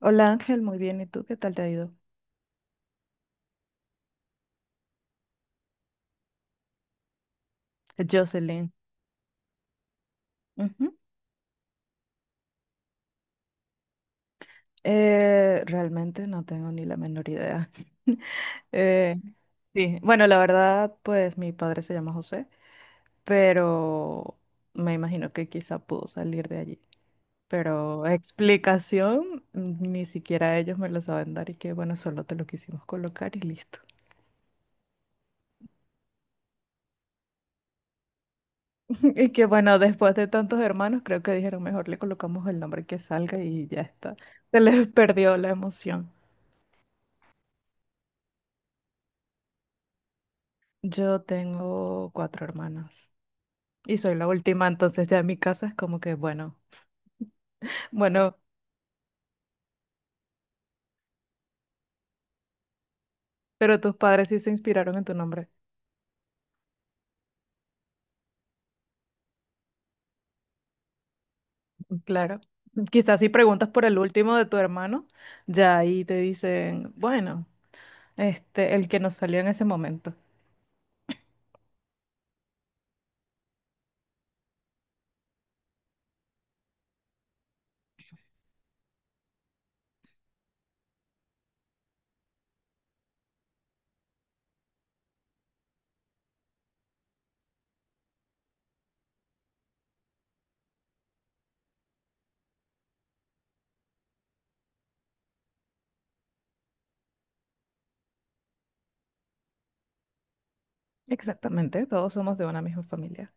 Hola Ángel, muy bien. ¿Y tú qué tal te ha ido? Jocelyn. Ujú. Realmente no tengo ni la menor idea. Eh, sí, bueno, la verdad, pues mi padre se llama José, pero me imagino que quizá pudo salir de allí. Pero explicación, ni siquiera ellos me la saben dar y que bueno, solo te lo quisimos colocar y listo. Y que bueno, después de tantos hermanos, creo que dijeron mejor le colocamos el nombre que salga y ya está. Se les perdió la emoción. Yo tengo cuatro hermanas y soy la última, entonces ya en mi caso es como que, bueno, bueno, pero tus padres sí se inspiraron en tu nombre. Claro. Quizás si preguntas por el último de tu hermano, ya ahí te dicen, bueno, este, el que nos salió en ese momento. Exactamente, todos somos de una misma familia.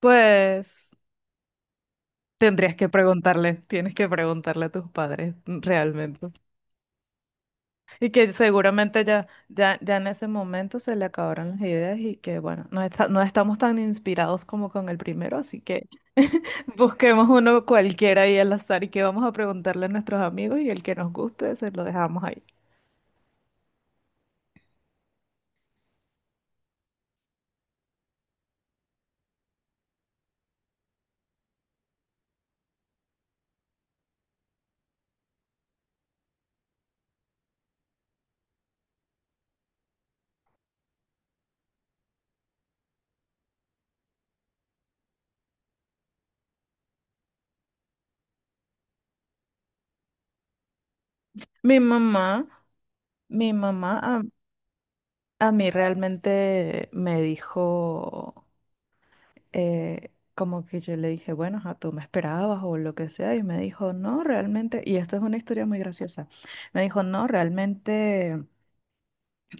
Pues tendrías que preguntarle, tienes que preguntarle a tus padres realmente. Y que seguramente ya en ese momento se le acabaron las ideas y que bueno, no estamos tan inspirados como con el primero, así que busquemos uno cualquiera ahí al azar y que vamos a preguntarle a nuestros amigos y el que nos guste se lo dejamos ahí. Mi mamá, mi mamá a mí realmente me dijo, eh, como que yo le dije, bueno, a tú me esperabas o lo que sea, y me dijo, no, realmente, y esto es una historia muy graciosa, me dijo, no, realmente.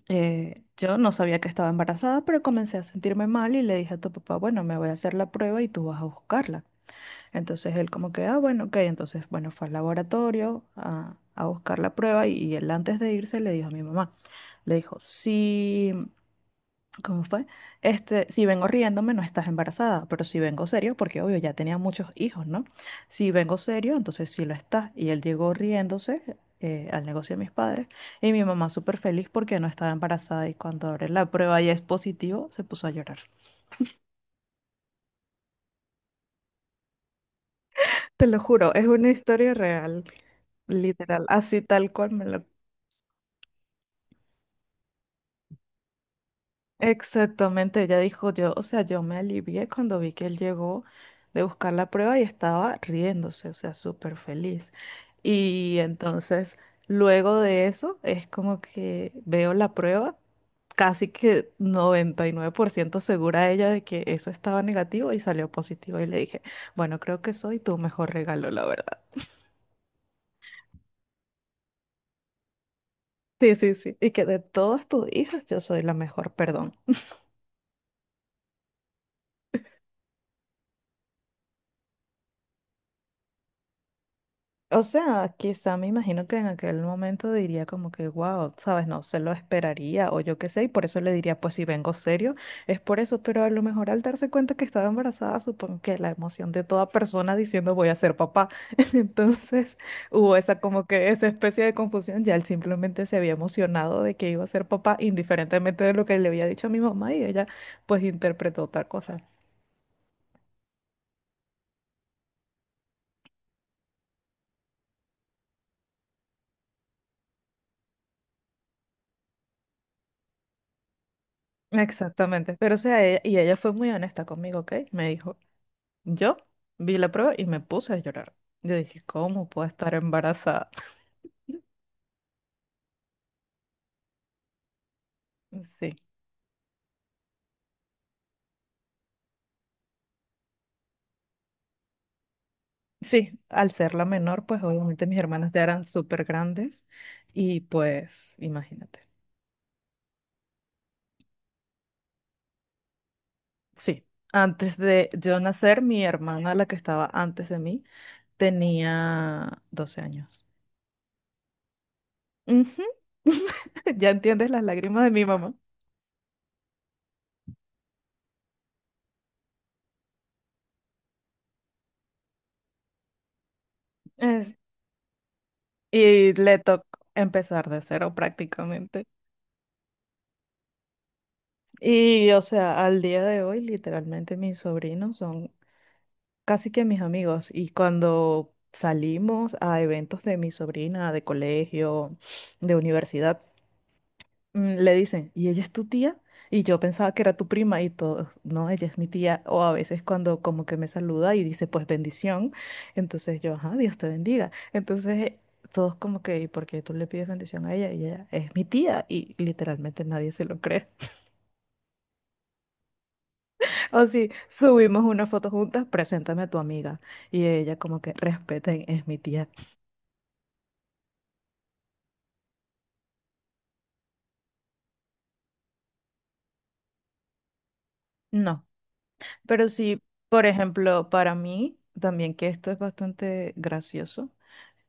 Yo no sabía que estaba embarazada, pero comencé a sentirme mal y le dije a tu papá, bueno, me voy a hacer la prueba y tú vas a buscarla. Entonces él como que, ah, bueno, ok, entonces, bueno, fue al laboratorio a buscar la prueba y él antes de irse le dijo a mi mamá, le dijo, sí. ¿Cómo fue? Este, si vengo riéndome, no estás embarazada, pero si vengo serio, porque obvio, ya tenía muchos hijos, ¿no? Si vengo serio, entonces sí lo estás. Y él llegó riéndose al negocio de mis padres y mi mamá súper feliz porque no estaba embarazada y cuando abre la prueba y es positivo, se puso a llorar. Te lo juro, es una historia real, literal, así tal cual me lo Exactamente, ella dijo yo, o sea, yo me alivié cuando vi que él llegó de buscar la prueba y estaba riéndose, o sea, súper feliz. Y entonces, luego de eso, es como que veo la prueba, casi que 99% segura ella de que eso estaba negativo y salió positivo. Y le dije, bueno, creo que soy tu mejor regalo, la verdad. Sí, sí, sí. Y que de todas tus hijas, yo soy la mejor, perdón. O sea, quizá me imagino que en aquel momento diría como que, wow, sabes, no se lo esperaría o yo qué sé, y por eso le diría, pues si vengo serio, es por eso, pero a lo mejor al darse cuenta que estaba embarazada, supongo que la emoción de toda persona diciendo voy a ser papá, entonces hubo esa como que esa especie de confusión, ya él simplemente se había emocionado de que iba a ser papá, indiferentemente de lo que le había dicho a mi mamá y ella pues interpretó otra cosa. Exactamente, pero o sea, y ella fue muy honesta conmigo, ¿ok? Me dijo. Yo vi la prueba y me puse a llorar. Yo dije, ¿cómo puedo estar embarazada? Sí, sí, al ser la menor, pues obviamente mis hermanas ya eran súper grandes y pues imagínate. Sí, antes de yo nacer, mi hermana, la que estaba antes de mí, tenía 12 años. Ujú. Ya entiendes las lágrimas de mi mamá. Es- y le tocó empezar de cero prácticamente. Y, o sea, al día de hoy, literalmente mis sobrinos son casi que mis amigos. Y cuando salimos a eventos de mi sobrina, de colegio, de universidad, le dicen, ¿y ella es tu tía? Y yo pensaba que era tu prima y todo, no, ella es mi tía. O a veces cuando como que me saluda y dice, pues bendición. Entonces yo, ajá, Dios te bendiga. Entonces todos como que, ¿y por qué tú le pides bendición a ella? Y ella es mi tía. Y literalmente nadie se lo cree. O sí, subimos una foto juntas, preséntame a tu amiga. Y ella como que respeten, es mi tía. No, pero sí, por ejemplo, para mí, también que esto es bastante gracioso,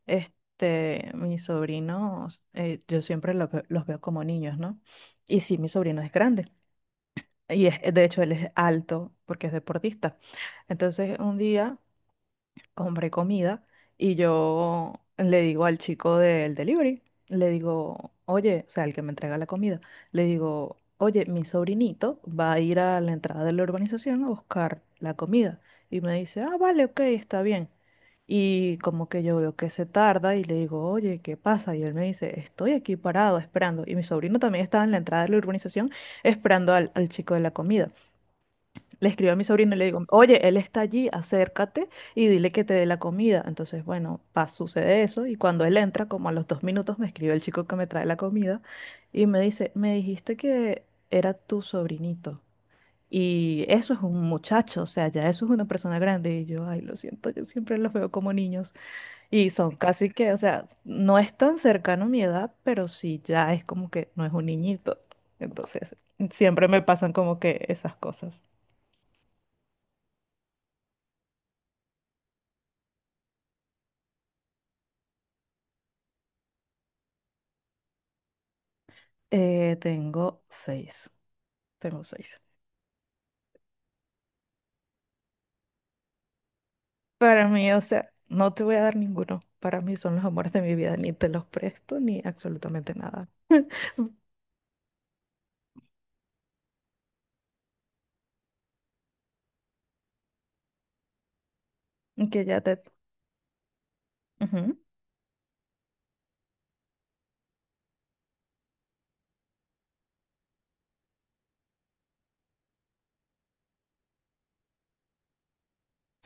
este, mis sobrinos, yo siempre los, los veo como niños, ¿no? Y sí, mi sobrino es grande. Y es, de hecho, él es alto porque es deportista. Entonces, un día compré comida y yo le digo al chico del delivery, le digo, oye, o sea, el que me entrega la comida, le digo, oye, mi sobrinito va a ir a la entrada de la urbanización a buscar la comida. Y me dice, ah, vale, ok, está bien. Y como que yo veo que se tarda y le digo, oye, ¿qué pasa? Y él me dice, estoy aquí parado esperando. Y mi sobrino también estaba en la entrada de la urbanización esperando al chico de la comida. Le escribo a mi sobrino y le digo, oye, él está allí, acércate y dile que te dé la comida. Entonces, bueno, pa, sucede eso y cuando él entra, como a los 2 minutos, me escribe el chico que me trae la comida y me dice, me dijiste que era tu sobrinito. Y eso es un muchacho, o sea, ya eso es una persona grande. Y yo, ay, lo siento, yo siempre los veo como niños. Y son casi que, o sea, no es tan cercano a mi edad, pero sí ya es como que no es un niñito. Entonces, siempre me pasan como que esas cosas. Tengo seis. Tengo seis. Para mí, o sea, no te voy a dar ninguno. Para mí son los amores de mi vida. Ni te los presto ni absolutamente nada. Y que ya te. Ujú.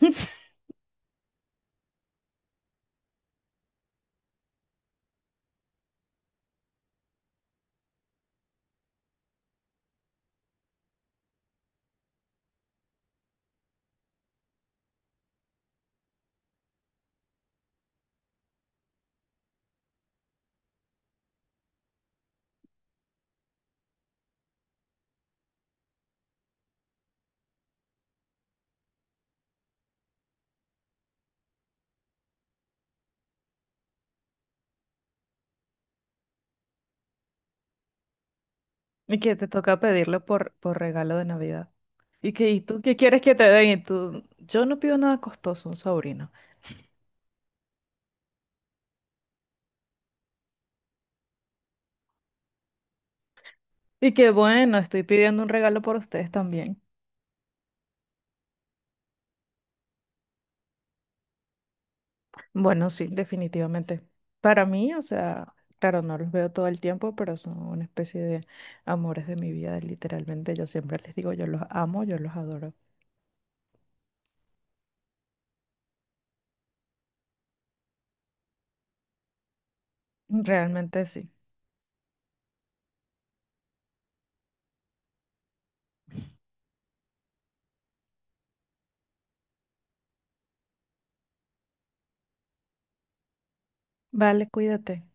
Y que te toca pedirlo por regalo de Navidad. Y que, ¿y tú qué quieres que te den? Y tú, yo no pido nada costoso, un sobrino. Y que, bueno, estoy pidiendo un regalo por ustedes también. Bueno, sí, definitivamente. Para mí, o sea, claro, no los veo todo el tiempo, pero son una especie de amores de mi vida, literalmente. Yo siempre les digo, yo los amo, yo los adoro. Realmente sí. Vale, cuídate.